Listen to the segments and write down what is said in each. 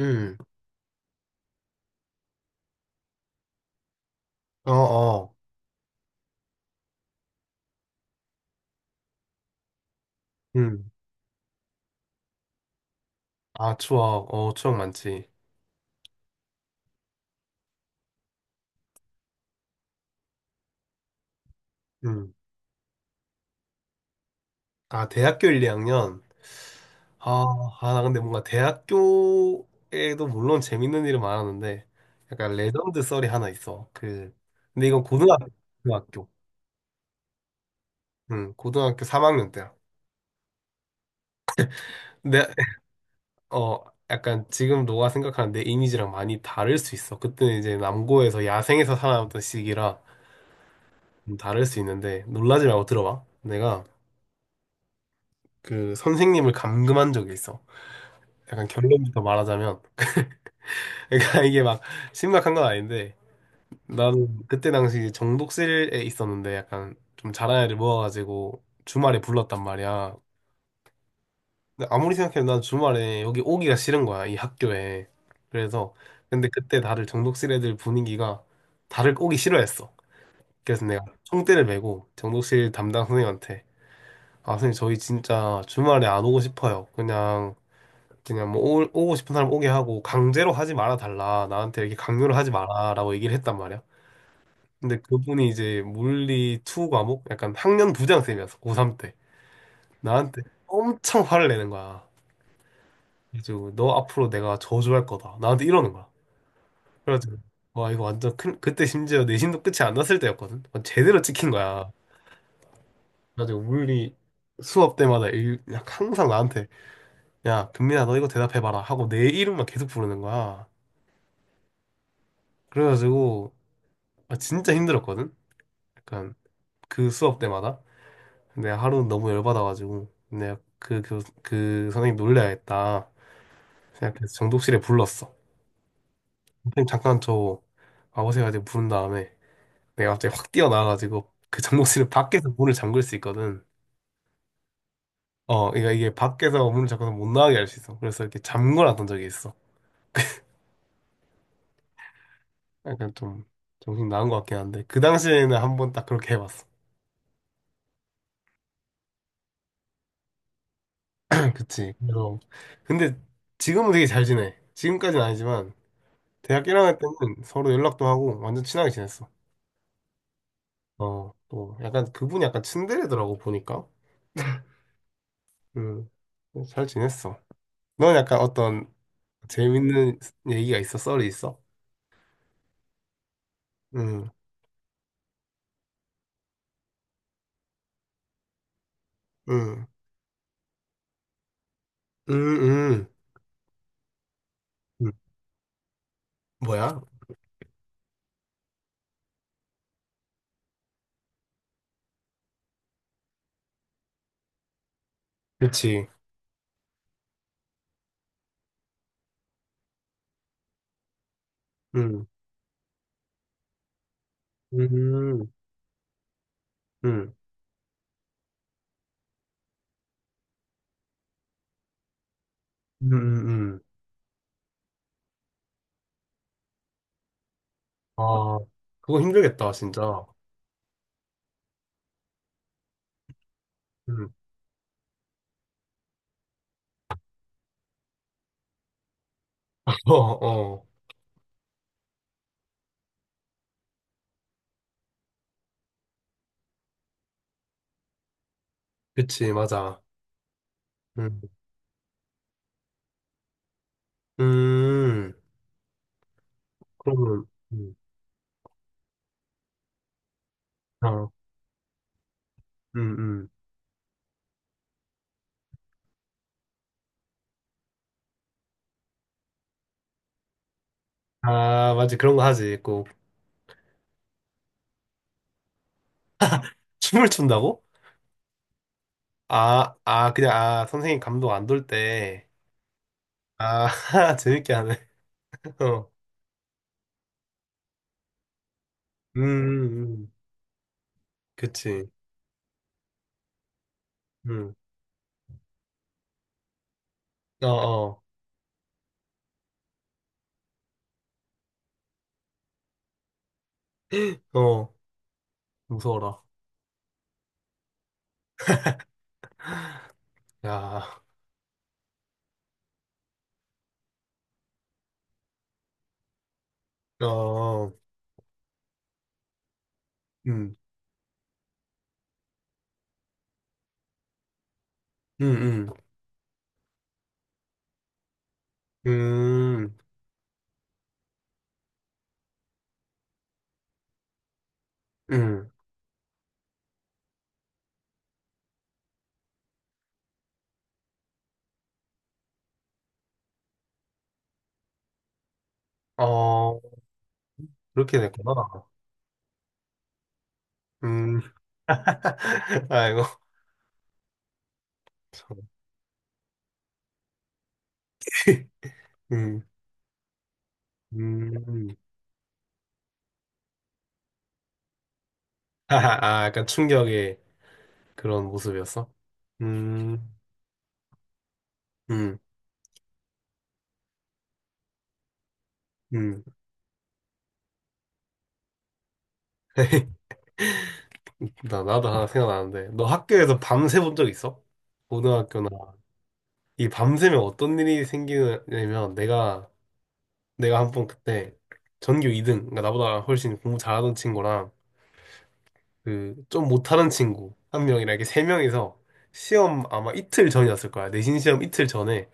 음. 어, 어. 음. 아, 추억, 추억 많지. 음. 아, 대학교 1, 2학년. 아, 아, 나 근데 뭔가 대학교에도 물론 재밌는 일은 많았는데, 약간 레전드 썰이 하나 있어. 근데 이건 고등학교, 고등학교, 고등학교 3학년 때야. 내, 어, 약간 지금 너가 생각하는 내 이미지랑 많이 다를 수 있어. 그때는 이제 남고에서 야생에서 살아남던 시기라 좀 다를 수 있는데, 놀라지 말고 들어봐. 내가 그 선생님을 감금한 적이 있어. 약간 결론부터 말하자면 그러니까 이게 막 심각한 건 아닌데 나는 그때 당시 정독실에 있었는데 약간 좀 잘한 애를 모아가지고 주말에 불렀단 말이야. 근데 아무리 생각해도 난 주말에 여기 오기가 싫은 거야 이 학교에. 그래서 근데 그때 다들 정독실 애들 분위기가 다들 오기 싫어했어. 그래서 내가 총대를 메고 정독실 담당 선생님한테 아 선생님 저희 진짜 주말에 안 오고 싶어요. 그냥 오고 싶은 사람 오게 하고 강제로 하지 말아 달라 나한테 이렇게 강요를 하지 마라라고 얘기를 했단 말이야. 근데 그분이 이제 물리 2 과목 약간 학년 부장쌤이었어 고3 때 나한테 엄청 화를 내는 거야. 그래가지고 너 앞으로 내가 저주할 거다 나한테 이러는 거야. 그래가지고 와 이거 완전 큰 그때 심지어 내신도 끝이 안 났을 때였거든. 완전 제대로 찍힌 거야. 그래가지고 물리 수업 때마다 그냥 항상 나한테 야 금민아 너 이거 대답해봐라 하고 내 이름만 계속 부르는 거야. 그래가지고 아, 진짜 힘들었거든? 약간 그 수업 때마다. 근데 하루 너무 열받아가지고 내가 그 선생님 놀려야겠다 생각해서 정독실에 불렀어. 선생님 잠깐 저 와보세요 이제 부른 다음에 내가 갑자기 확 뛰어나와가지고 그 정독실 밖에서 문을 잠글 수 있거든. 그러니까 이게 밖에서 문을 잠궈서 못 나가게 할 수 있어. 그래서 이렇게 잠궈놨던 적이 있어. 약간 좀 정신 나간 것 같긴 한데 그 당시에는 한번 딱 그렇게 해봤어. 그치. 그래서 근데 지금은 되게 잘 지내. 지금까지는 아니지만 대학 1학년 때는 서로 연락도 하고 완전 친하게 지냈어. 또 약간 그분이 약간 츤데레더라고 보니까. 음. 잘 지냈어. 넌 약간 어떤 재밌는 얘기가 있어? 썰이 있어? 음. 음. 음. 음. 음. 뭐야? 그치. 음. 음. 음. 음. 음. 음. 음. 아, 그거 힘들겠다, 진짜. 응. 어, 어. 그치, 맞아. 음. 음. 그러면, 음, 아, 음, 음. 아, 맞지. 그런 거 하지. 꼭. 춤을 춘다고? 아, 아, 그냥, 아, 선생님 감독 안돌 때. 아, 재밌게 하네. 어. 음. 음. 음. 그치. 음. 어, 어. 어, 무서워라. 야, 어, 음, 음, 음, 음, 음. 어, 그렇게 됐구나. 음. 아이고. 참. 음. 음. 아, 아, 약간 충격의 그런 모습이었어? 음. 음. 음. 나도 하나 생각나는데. 너 학교에서 밤새 본 적 있어? 고등학교나. 이 밤새면 어떤 일이 생기냐면, 내가 한 번 그때 전교 2등, 그러니까 나보다 훨씬 공부 잘하던 친구랑, 그, 좀 못하는 친구, 한 명이랑 이렇게 세 명이서 시험 아마 이틀 전이었을 거야. 내신 시험 이틀 전에.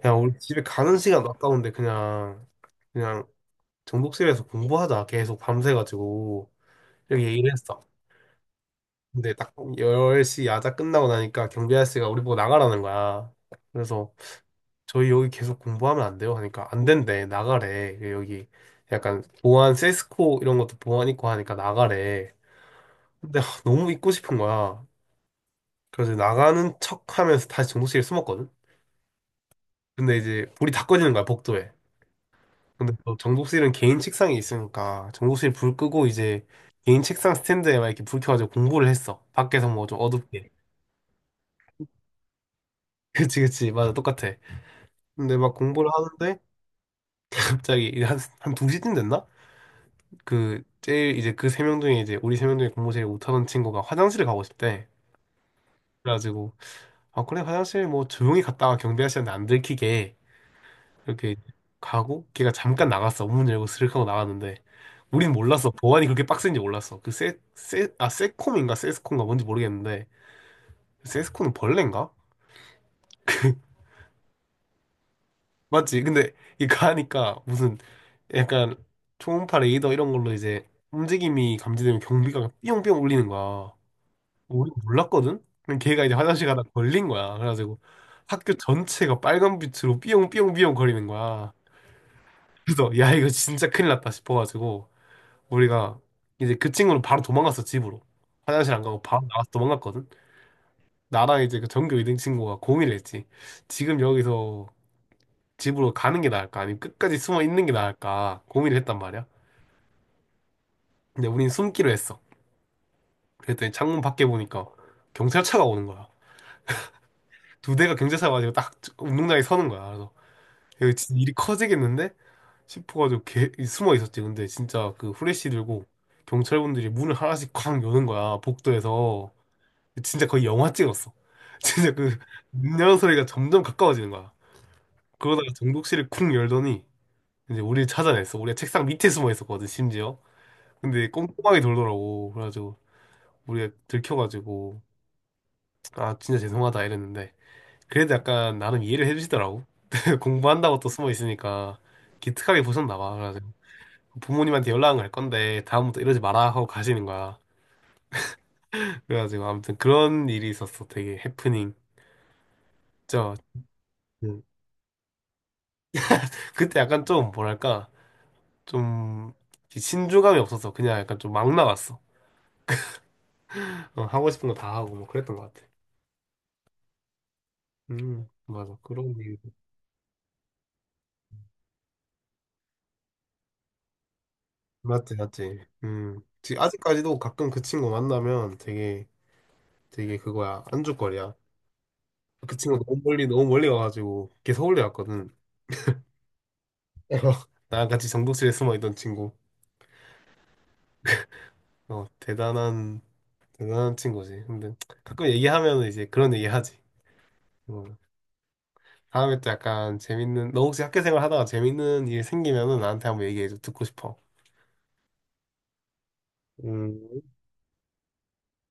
그냥 우리 집에 가는 시간 아까운데 그냥 정독실에서 공부하자. 계속 밤새가지고. 이렇게 얘기를 했어. 근데 딱 10시 야자 끝나고 나니까 경비 아저씨가 우리 보고 나가라는 거야. 그래서 저희 여기 계속 공부하면 안 돼요? 하니까 안 된대. 나가래. 그 여기 약간 보안 세스코 이런 것도 보안 있고 하니까 나가래. 근데 하, 너무 있고 싶은 거야. 그래서 나가는 척 하면서 다시 정독실에 숨었거든. 근데 이제 불이 다 꺼지는 거야, 복도에. 근데 또 정독실은 개인 책상이 있으니까 정독실 불 끄고 이제 개인 책상 스탠드에 막 이렇게 불 켜가지고 공부를 했어. 밖에서 뭐 좀 어둡게. 그치, 그치. 맞아. 똑같아. 근데 막 공부를 하는데 갑자기 이제 한 2시쯤 됐나? 그 제일 이제 그 세 명 중에 이제 우리 세 명 중에 공부 제일 못하던 친구가 화장실을 가고 싶대. 그래가지고 아 그래 화장실 뭐 조용히 갔다가 경비 아저씨한테 안 들키게 이렇게 가고 걔가 잠깐 나갔어. 문 열고 스르륵 하고 나갔는데 우린 몰랐어. 보안이 그렇게 빡센지 몰랐어. 그 세, 세, 아 세콤인가 세스콤인가 뭔지 모르겠는데 세스콤은 벌레인가? 맞지? 근데 이거 하니까 무슨 약간 초음파 레이더 이런 걸로 이제 움직임이 감지되면 경비가 삐용삐용 울리는 거야. 우리 몰랐거든? 근데 걔가 이제 화장실 가다 걸린 거야. 그래가지고 학교 전체가 빨간 빛으로 삐용삐용삐용 거리는 거야. 그래서 야 이거 진짜 큰일 났다 싶어가지고 우리가 이제 그 친구는 바로 도망갔어 집으로. 화장실 안 가고 바로 나가서 도망갔거든. 나랑 이제 그 전교 2등 친구가 공의를 했지. 지금 여기서 집으로 가는 게 나을까? 아니면 끝까지 숨어 있는 게 나을까? 고민을 했단 말이야. 근데 우린 숨기로 했어. 그랬더니 창문 밖에 보니까 경찰차가 오는 거야. 두 대가 경찰차 가지고 딱 운동장에 서는 거야. 그래서 이거 진짜 일이 커지겠는데? 싶어가지고 숨어 있었지. 근데 진짜 그 후레쉬 들고 경찰분들이 문을 하나씩 쾅 여는 거야. 복도에서. 진짜 거의 영화 찍었어. 진짜 그 문 여는 소리가 점점 가까워지는 거야. 그러다가 정독실을 쿵 열더니 이제 우리를 찾아냈어. 우리가 책상 밑에 숨어 있었거든, 심지어. 근데 꼼꼼하게 돌더라고. 그래가지고 우리가 들켜가지고 아 진짜 죄송하다 이랬는데 그래도 약간 나름 이해를 해주시더라고. 공부한다고 또 숨어 있으니까 기특하게 보셨나 봐. 그래가지고 부모님한테 연락을 할 건데 다음부터 이러지 마라 하고 가시는 거야. 그래가지고 아무튼 그런 일이 있었어. 되게 해프닝. 저 음. 그때 약간 좀 뭐랄까 좀 신중함이 없어서 그냥 약간 좀 막 나갔어. 하고 싶은 거 다 하고 뭐 그랬던 것 같아. 맞아 그런 일. 맞지, 맞지. 음. 아직까지도 가끔 그 친구 만나면 되게 그거야. 안주거리야. 그 친구 너무 멀리, 너무 멀리 와가지고 걔 서울대 왔거든. 나랑 같이 정독실에 숨어 있던 친구. 어, 대단한, 대단한 친구지. 근데 가끔 얘기하면 이제 그런 얘기 하지. 어, 다음에 또 약간 너 혹시 학교 생활 하다가 재밌는 일 생기면은 나한테 한번 얘기해줘. 듣고 싶어. 음.